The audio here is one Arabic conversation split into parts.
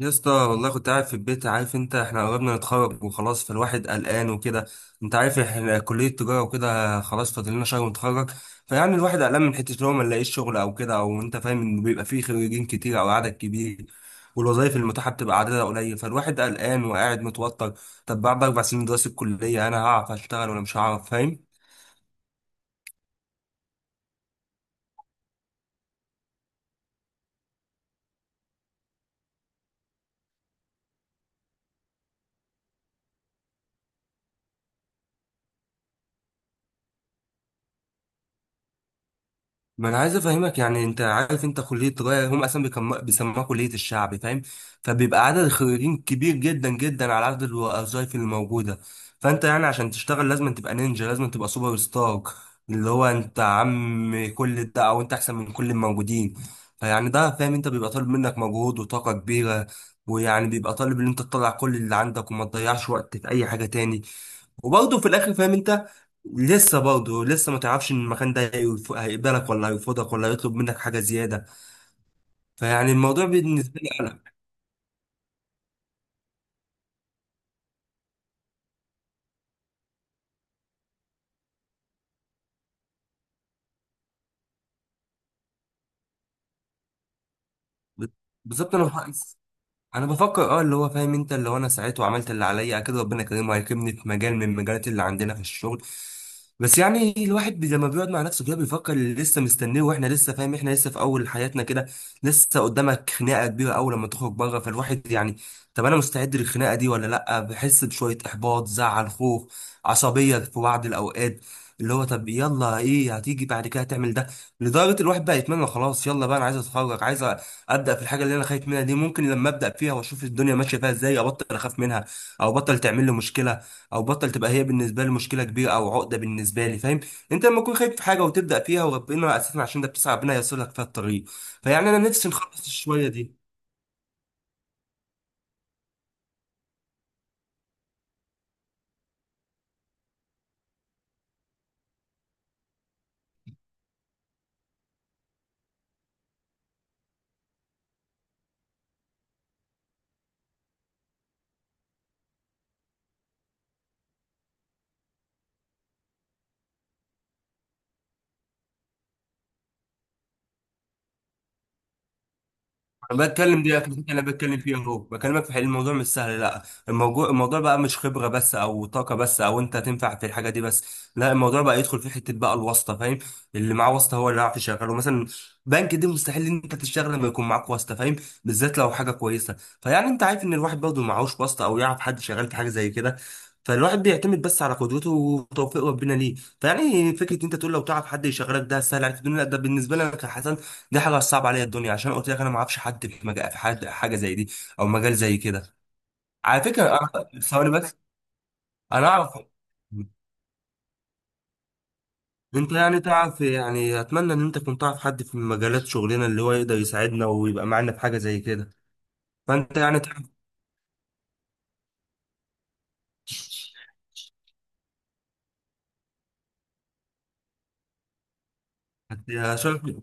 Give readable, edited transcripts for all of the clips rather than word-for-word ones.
يا اسطى، والله كنت قاعد في البيت. عارف انت احنا قربنا نتخرج وخلاص، فالواحد قلقان وكده. انت عارف احنا كلية تجارة وكده، خلاص فاضل لنا شهر ونتخرج. فيعني الواحد قلقان من حتة لو ما نلاقيش شغل او كده، او انت فاهم انه بيبقى فيه خريجين كتير او عدد كبير والوظائف المتاحة بتبقى عددها قليل، فالواحد قلقان وقاعد متوتر. طب بعد اربع سنين دراسة الكلية انا هعرف اشتغل ولا مش هعرف؟ فاهم. ما انا عايز افهمك، يعني انت عارف انت كليه تجاره هم اصلا بيسموها كليه الشعب، فاهم؟ فبيبقى عدد الخريجين كبير جدا جدا على عدد الوظائف اللي موجوده. فانت يعني عشان تشتغل لازم تبقى نينجا، لازم تبقى سوبر ستار، اللي هو انت عم كل ده او انت احسن من كل الموجودين. فيعني ده، فاهم انت، بيبقى طالب منك مجهود وطاقه كبيره. ويعني بيبقى طالب ان انت تطلع كل اللي عندك وما تضيعش وقت في اي حاجه تاني. وبرضه في الاخر، فاهم انت، لسه برضه لسه ما تعرفش ان المكان ده هيقبلك ولا هيرفضك ولا هيطلب منك حاجه زياده. فيعني الموضوع بالنسبه لي قلق. بالظبط، انا انا بفكر اللي هو فاهم انت، اللي هو انا ساعته وعملت اللي عليا اكيد ربنا كريم هيكرمني في مجال من المجالات اللي عندنا في الشغل. بس يعني الواحد لما بيقعد مع نفسه كده بيفكر اللي لسه مستنيه، واحنا لسه، فاهم، احنا لسه في اول حياتنا كده. لسه قدامك خناقه كبيره اول لما تخرج بره، فالواحد يعني طب انا مستعد للخناقه دي ولا لا؟ بحس بشويه احباط، زعل، خوف، عصبيه في بعض الاوقات. اللي هو طب يلا، ايه هتيجي بعد كده؟ هتعمل ده؟ لدرجه الواحد بقى يتمنى خلاص، يلا بقى انا عايز اتخرج، عايز ابدا في الحاجه اللي انا خايف منها دي. ممكن لما ابدا فيها واشوف الدنيا ماشيه فيها ازاي ابطل اخاف منها، او بطل تعمل لي مشكله، او بطل تبقى هي بالنسبه لي مشكله كبيره او عقده بالنسبه لي، فاهم؟ انت لما تكون خايف في حاجه وتبدا فيها، وربنا اساسا عشان ده بتسعى ربنا ييسر لك فيها الطريق. فيعني انا نفسي نخلص الشويه دي. انا بتكلم دي اكتر حاجة انا بتكلم فيها اهو، بكلمك في الموضوع مش سهل، لا. الموضوع بقى مش خبره بس او طاقه بس او انت تنفع في الحاجه دي بس، لا. الموضوع بقى يدخل في حته بقى الواسطه، فاهم؟ اللي معاه واسطه هو اللي هيعرف يشغله. مثلا بنك دي مستحيل ان انت تشتغل لما يكون معاك واسطه، فاهم، بالذات لو حاجه كويسه. فيعني انت عارف ان الواحد برضه معهوش واسطه او يعرف حد شغال في حاجه زي كده، فالواحد بيعتمد بس على قدرته وتوفيق ربنا ليه. فيعني فكره انت تقول لو تعرف حد يشغلك ده سهل عليك في الدنيا، لا، ده بالنسبه لك يا حسن. دي حاجه صعبه عليا الدنيا، عشان قلت لك انا ما اعرفش حد في مجال، في حد حاجه زي دي او مجال زي كده. على فكره انا ثواني بس. انا اعرف. انت يعني تعرف، يعني اتمنى ان انت كنت تعرف حد في مجالات شغلنا اللي هو يقدر يساعدنا ويبقى معانا في حاجه زي كده. فانت يعني تعرف. شايف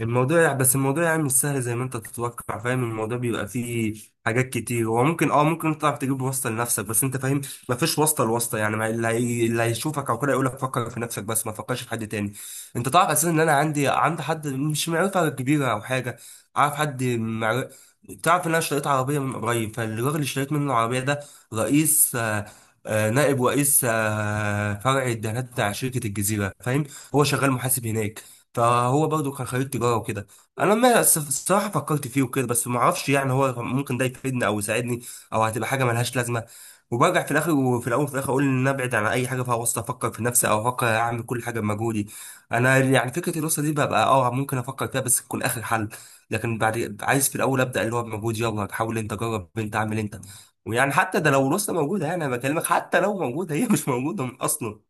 الموضوع يعني، بس الموضوع يعني مش سهل زي ما انت تتوقع، فاهم. الموضوع بيبقى فيه حاجات كتير. هو ممكن، ممكن انت تعرف تجيب واسطه لنفسك، بس انت فاهم مفيش واسطه لواسطه. يعني ما اللي اللي هيشوفك او كده يقول لك فكر في نفسك بس ما تفكرش في حد تاني. انت تعرف اساسا ان انا عندي حد مش معرفه كبيره او حاجه. اعرف حد تعرف ان انا اشتريت عربيه من قريب، فالراجل اللي اشتريت منه العربيه ده رئيس نائب رئيس فرع الدهانات بتاع شركه الجزيره، فاهم. هو شغال محاسب هناك. فهو برضه كان خريج تجاره وكده. انا لما الصراحه فكرت فيه وكده، بس ما اعرفش يعني هو ممكن ده يفيدني او يساعدني او هتبقى حاجه ملهاش لازمه. وبرجع في الاخر وفي الاول وفي الاخر اقول ان انا ابعد عن اي حاجه فيها وسط، افكر في نفسي او افكر اعمل كل حاجه بمجهودي. انا يعني فكره الوسط دي ببقى ممكن افكر فيها بس تكون اخر حل. لكن بعد عايز في الاول ابدا اللي هو بمجهودي، يلا حاول انت، جرب انت، اعمل انت. ويعني حتى ده لو الوسط موجوده، يعني انا بكلمك حتى لو موجوده، هي مش موجوده اصلا.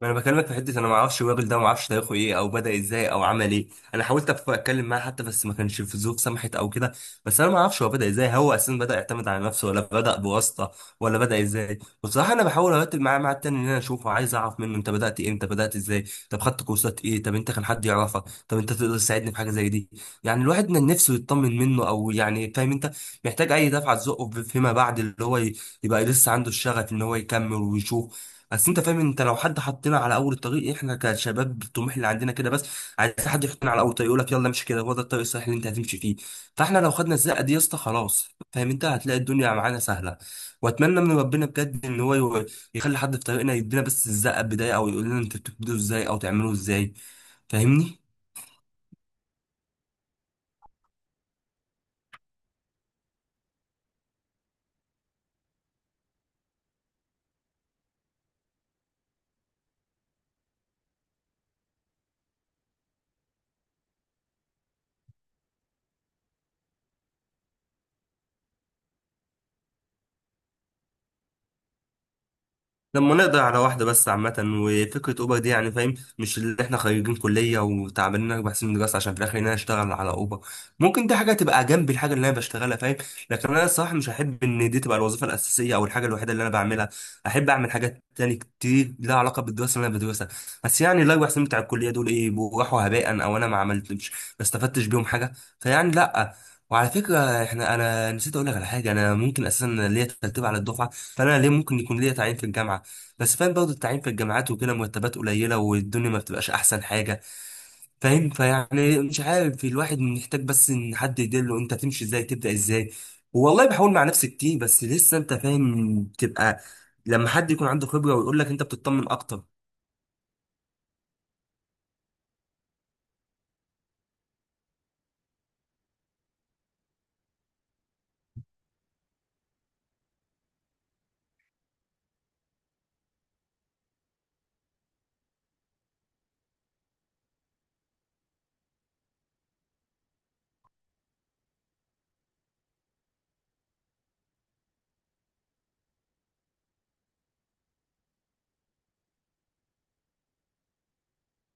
ما انا بكلمك في حته انا ما اعرفش الراجل ده، ما اعرفش تاريخه ايه او بدا ازاي او عمل ايه. انا حاولت اتكلم معاه حتى، بس ما كانش في ظروف سمحت او كده. بس انا ما اعرفش هو بدا ازاي، هو اساسا بدا يعتمد على نفسه ولا بدا بواسطه ولا بدا ازاي. بصراحه انا بحاول ارتب معاه مع التاني ان انا اشوفه، عايز اعرف منه انت بدات ايه، انت بدات ازاي، طب خدت كورسات ايه، طب انت كان حد يعرفك، طب انت تقدر تساعدني في حاجه زي دي. يعني الواحد من نفسه يطمن منه او يعني، فاهم انت، محتاج اي دفعه تزقه فيما بعد اللي هو يبقى لسه عنده الشغف ان هو يكمل ويشوف. بس انت فاهم، انت لو حد حطينا على اول الطريق، احنا كشباب الطموح اللي عندنا كده بس عايز حد يحطنا على اول الطريق، يقول لك يلا امشي كده، هو ده الطريق الصحيح اللي انت هتمشي فيه. فاحنا لو خدنا الزقه دي يا اسطى خلاص، فاهم انت، هتلاقي الدنيا معانا سهله. واتمنى من ربنا بجد ان هو يخلي حد في طريقنا يدينا بس الزقه بدايه، او يقول لنا انتوا بتبدوا ازاي او تعملوا ازاي. فاهمني. لما نقدر على واحدة بس، عامة. وفكرة أوبر دي يعني، فاهم، مش اللي احنا خريجين كلية وتعبانين أربع سنين دراسة عشان في الآخر إن أنا أشتغل على أوبر. ممكن دي حاجة تبقى جنب الحاجة اللي أنا بشتغلها، فاهم، لكن أنا الصراحة مش هحب إن دي تبقى الوظيفة الأساسية أو الحاجة الوحيدة اللي أنا بعملها. أحب أعمل حاجات تاني كتير لها علاقة بالدراسة اللي أنا بدرسها. بس يعني الأربع سنين بتاع الكلية دول إيه، بيبقوا راحوا هباء أو أنا ما عملتش ما استفدتش بيهم حاجة؟ فيعني لأ. وعلى فكرة احنا انا نسيت اقول لك على حاجة، انا ممكن اساسا ليا ترتيب على الدفعة، فانا ليه ممكن يكون ليا تعيين في الجامعة. بس فاهم برضه التعيين في الجامعات وكده مرتبات قليلة، والدنيا ما بتبقاش أحسن حاجة، فاهم. فيعني مش عارف، الواحد محتاج بس إن حد يدله أنت تمشي إزاي، تبدأ إزاي. والله بحاول مع نفسي كتير، بس لسه أنت فاهم بتبقى لما حد يكون عنده خبرة ويقول لك أنت بتطمن أكتر.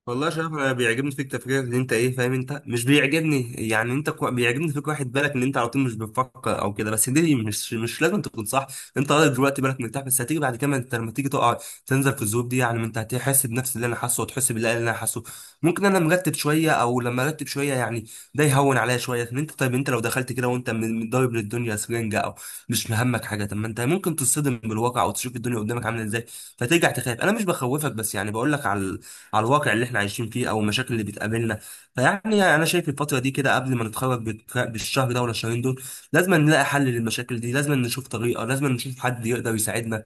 والله يا شرف انا بيعجبني فيك تفكيرك ان انت ايه، فاهم انت، مش بيعجبني يعني انت بيعجبني فيك واحد بالك ان انت على طول مش بتفكر او كده، بس دي مش لازم تكون صح. انت راجل دلوقتي بالك مرتاح، بس هتيجي بعد كده انت لما تيجي تقع تنزل في الذنوب دي، يعني ما انت هتحس بنفس اللي انا حاسه وتحس بالله اللي انا حاسه. ممكن انا مرتب شويه او لما ارتب شويه يعني ده يهون عليا شويه. ان انت طيب، انت لو دخلت كده وانت متضارب للدنيا سرنجه او مش مهمك حاجه، طب ما انت ممكن تصطدم بالواقع او تشوف الدنيا قدامك عامله ازاي فترجع تخاف. انا مش بخوفك، بس يعني بقول لك على الواقع اللي احنا عايشين فيه او المشاكل اللي بتقابلنا. فيعني انا شايف الفتره دي كده قبل ما نتخرج بالشهر ده ولا الشهرين دول لازم نلاقي حل للمشاكل دي، لازم نشوف طريقه، لازم نشوف حد يقدر يساعدنا.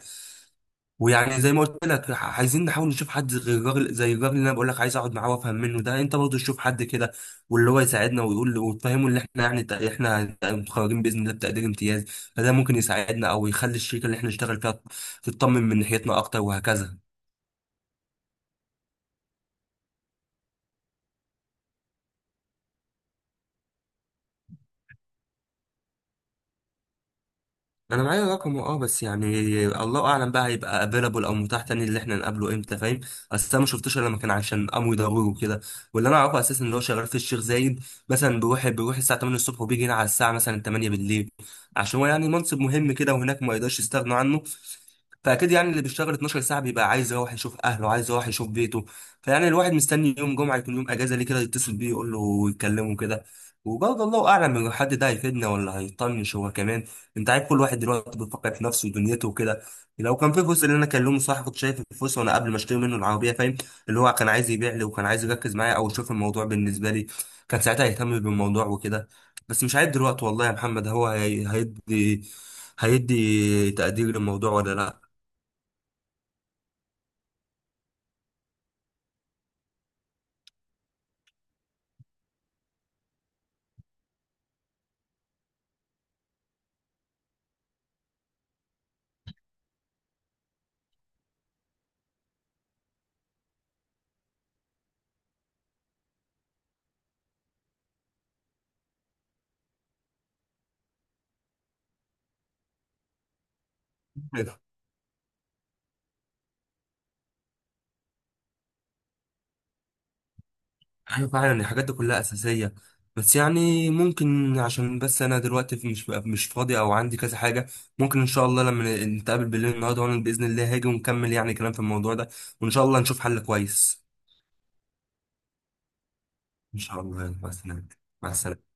ويعني زي ما قلت لك، عايزين نحاول نشوف حد غير الراجل، زي الراجل اللي انا بقول لك عايز اقعد معاه وافهم منه ده، انت برضه تشوف حد كده واللي هو يساعدنا ويقول، وتفهمه اللي احنا يعني احنا متخرجين باذن الله بتقدير امتياز، فده ممكن يساعدنا او يخلي الشركه اللي احنا نشتغل فيها تطمن من ناحيتنا اكتر، وهكذا. انا معايا رقمه، بس يعني الله اعلم بقى هيبقى افيلابل او متاح تاني اللي احنا نقابله امتى، فاهم. اصل انا ما شفتوش الا لما كان عشان امر ضروري وكده. واللي انا اعرفه اساسا اللي هو شغال في الشيخ زايد، مثلا بيروح الساعه 8 الصبح وبيجي هنا على الساعه مثلا 8 بالليل، عشان هو يعني منصب مهم كده وهناك ما يقدرش يستغنوا عنه. فاكيد يعني اللي بيشتغل 12 ساعه بيبقى عايز يروح يشوف اهله، عايز يروح يشوف بيته. فيعني الواحد مستني يوم جمعه يكون يوم اجازه ليه كده يتصل بيه يقول له ويكلمه كده. وبرضه الله اعلم الحد ده هيفيدنا ولا هيطنش هو كمان. انت عارف كل واحد دلوقتي بيفكر في نفسه ودنيته وكده. لو كان في جزء اللي انا كلمه صح كنت شايف الفلوس، وانا قبل ما اشتري منه العربيه، فاهم، اللي هو كان عايز يبيع لي وكان عايز يركز معايا او يشوف الموضوع بالنسبه لي، كان ساعتها يهتم بالموضوع وكده. بس مش عارف دلوقتي والله يا محمد هو هيدي تقدير للموضوع ولا لا. ايوه فعلا الحاجات دي كلها اساسيه، بس يعني ممكن عشان بس انا دلوقتي مش فاضي او عندي كذا حاجه، ممكن ان شاء الله لما نتقابل بالليل النهارده وانا باذن الله هاجي ونكمل يعني كلام في الموضوع ده، وان شاء الله نشوف حل كويس. ان شاء الله. يلا، مع السلامه. مع السلامه.